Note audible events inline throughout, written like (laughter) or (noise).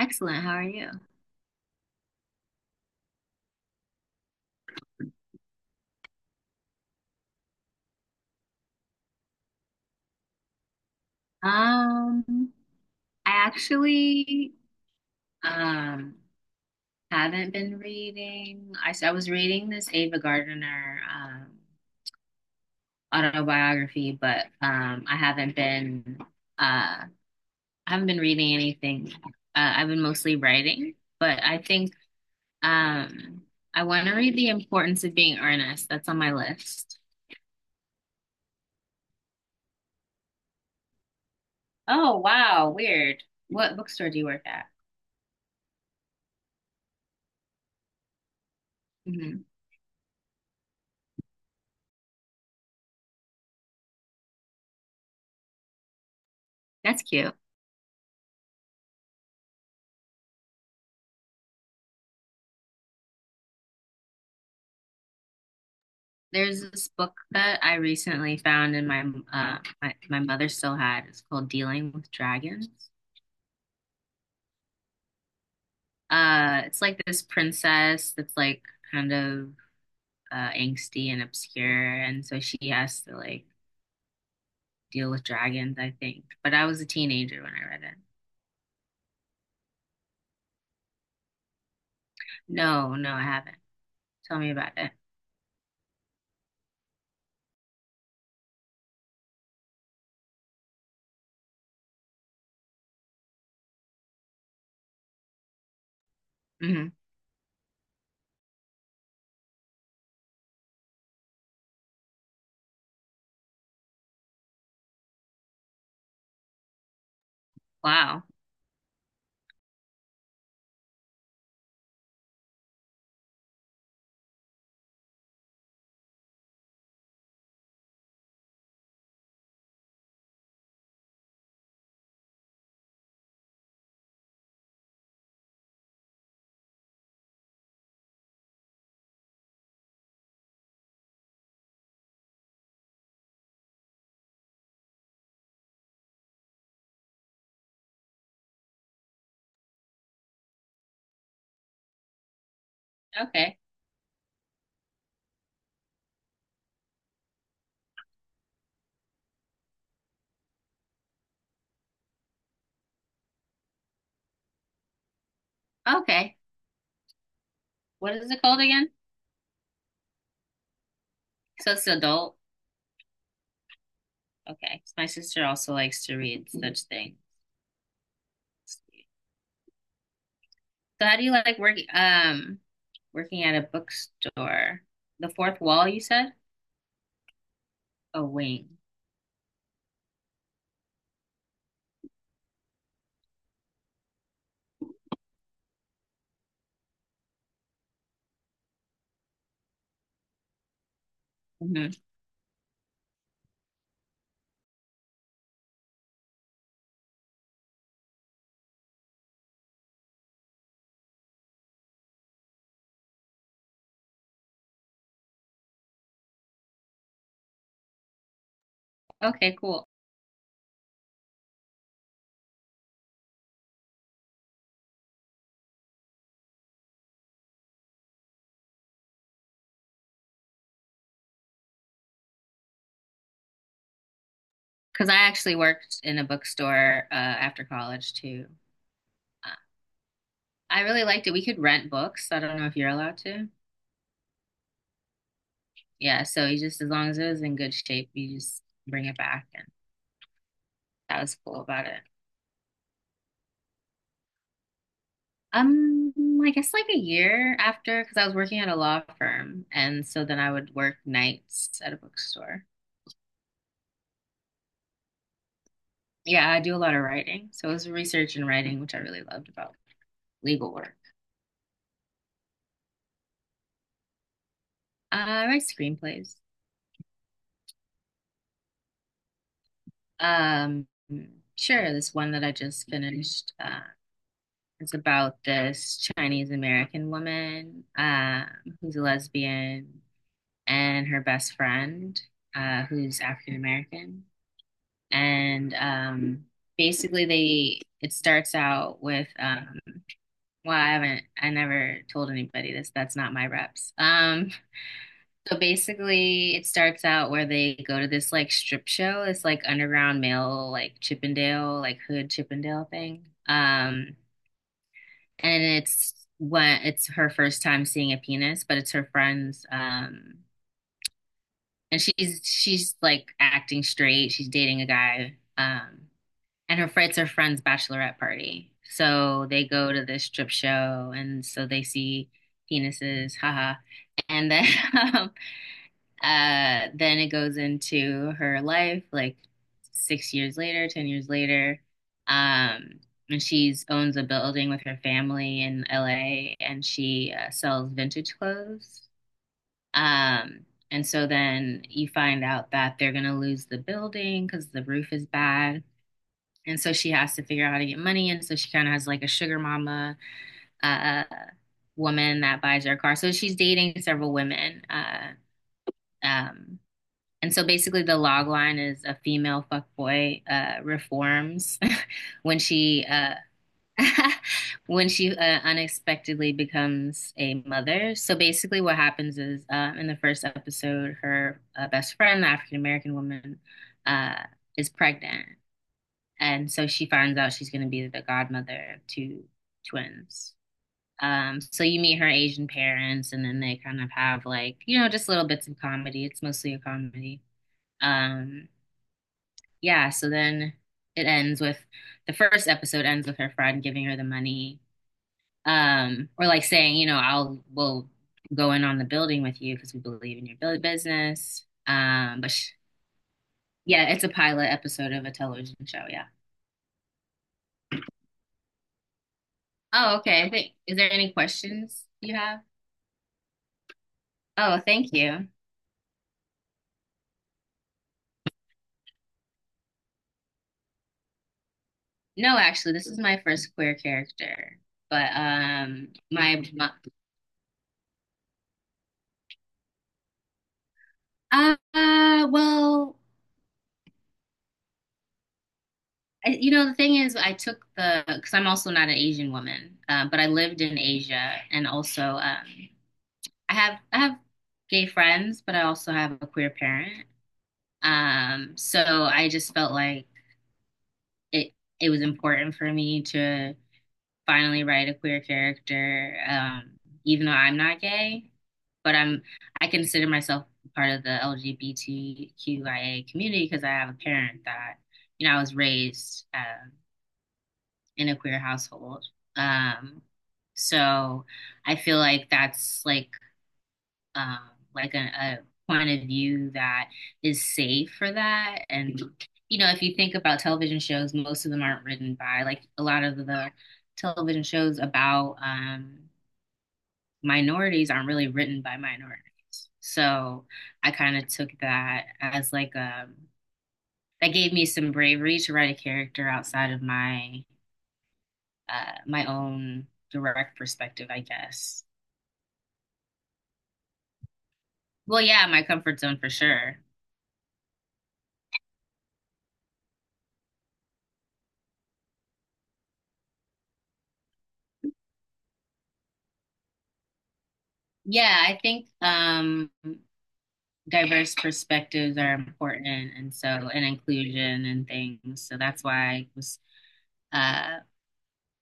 Excellent. How are you? Um, I actually um haven't been reading. I was reading this Ava Gardner autobiography, but I haven't been uh I haven't been reading anything. I've been mostly writing, but I think um I want to read The Importance of Being Earnest. That's on my list. Oh, wow, weird. What bookstore do you work at? Hmm. That's cute. There's this book that I recently found, and my mother still had. It's called Dealing with Dragons. It's like this princess that's like kind of angsty and obscure, and so she has to like deal with dragons, I think. But I was a teenager when I read it. No, no, I haven't. Tell me about it. Hmm. Wow. Okay. Okay. What is it called again? So it's adult. Okay. My sister also likes to read such things. So how do you like working at a bookstore. The fourth wall, you said? A wing. Hmm. Okay, cool. Because I actually worked in a bookstore after college too. Uh, I really liked it. We could rent books. I don't know if you're allowed to. Yeah, so you just as long as it was in good shape, you just bring it back, and that was cool about it. Um, I guess like a year after, because I was working at a law firm, and so then I would work nights at a bookstore. Yeah, I do a lot of writing. So it was research and writing, which I really loved about legal work. I write screenplays. Um, sure, this one that I just finished. It's about this Chinese American woman who's a lesbian and her best friend, who's African American. And basically they it starts out with well, I never told anybody this. That's not my reps. So basically, it starts out where they go to this like strip show, this like underground male, like Chippendale, like hood Chippendale thing. And it's when it's her first time seeing a penis, but it's her friend's. And she's like acting straight. She's dating a guy. And her friend's bachelorette party. So they go to this strip show, and so they see penises. Haha. And then (laughs) um, then it goes into her life, like 6 years later, 10 years later. Um, and she owns a building with her family in LA and she sells vintage clothes. Um, and so then you find out that they're going to lose the building because the roof is bad. And so she has to figure out how to get money. And so she kind of has like a sugar mama uh, woman that buys her a car. So she's dating several women. Um, and so basically, the log line is a female fuckboy reforms (laughs) when she (laughs) when she unexpectedly becomes a mother. So basically, what happens is in the first episode, her best friend, the African American woman, uh, is pregnant, and so she finds out she's going to be the godmother of two twins. So you meet her Asian parents, and then they kind of have like you know just little bits of comedy. It's mostly a comedy. Um, yeah, so then it ends with the first episode ends with her friend giving her the money, or like saying, you know, I'll we'll go in on the building with you because we believe in your build business. But sh yeah, it's a pilot episode of a television show. Yeah. Oh, okay. I think is there any questions you have? Oh, thank you. No, actually, this is my first queer character, but my, my well. I, you know, the thing is, I took the because I'm also not an Asian woman, but I lived in Asia, and also I have gay friends, but I also have a queer parent. So I just felt like it it was important for me to finally write a queer character, even though I'm not gay, but I consider myself part of the LGBTQIA community because I have a parent that you know I was raised. In a queer household. Um, so I feel like that's like a point of view that is safe for that. And you know, if you think about television shows, most of them aren't written by like a lot of the television shows about minorities aren't really written by minorities. So I kind of took that as like that gave me some bravery to write a character outside of my own direct perspective, I guess. Well, yeah, my comfort zone for sure. Yeah, I think diverse perspectives are important, and so and inclusion and things. So that's why I was uh,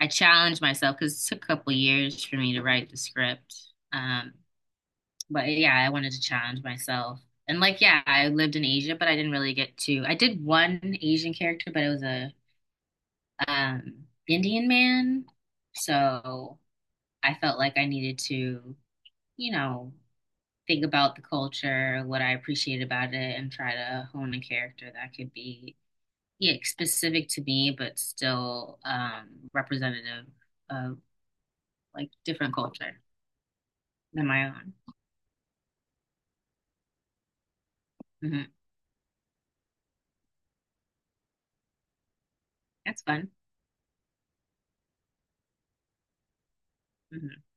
I challenged myself because it took a couple years for me to write the script. But yeah, I wanted to challenge myself. And like, yeah, I lived in Asia, but I didn't really get to. I did one Asian character, but it was a Indian man. So I felt like I needed to, you know, think about the culture, what I appreciate about it, and try to hone a character that could be, yeah, specific to me, but still representative of like different culture than my own. Hmm. That's fun. Hmm.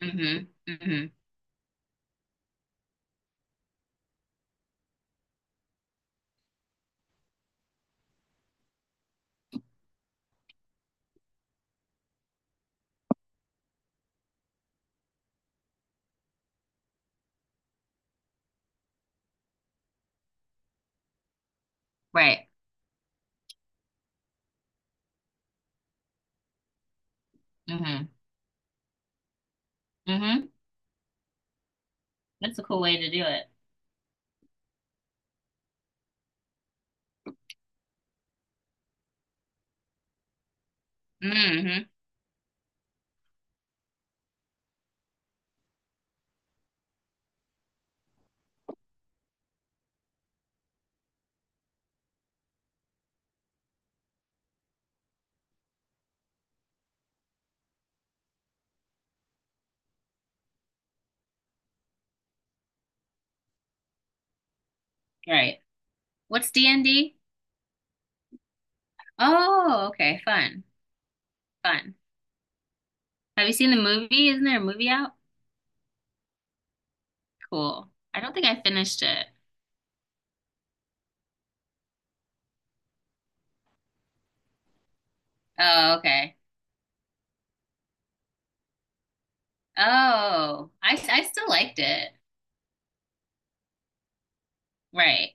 Hmm. Hmm. Right. Hmm. Hmm. That's a cool way to do it. Hmm. Right. What's D&D? Oh, okay. Fun. Fun. Have you seen the movie? Isn't there a movie out? Cool. I don't think I finished it. Oh, okay. Oh, I still liked it. Right.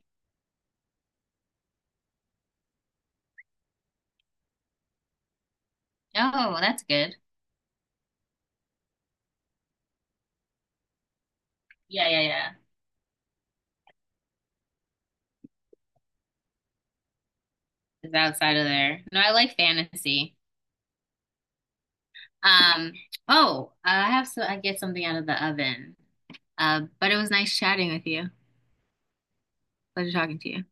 Oh, that's good. Yeah, yeah, yeah. It's outside of there. No, I like fantasy. Um, oh, I have so I get something out of the oven. But it was nice chatting with you. Pleasure talking to you.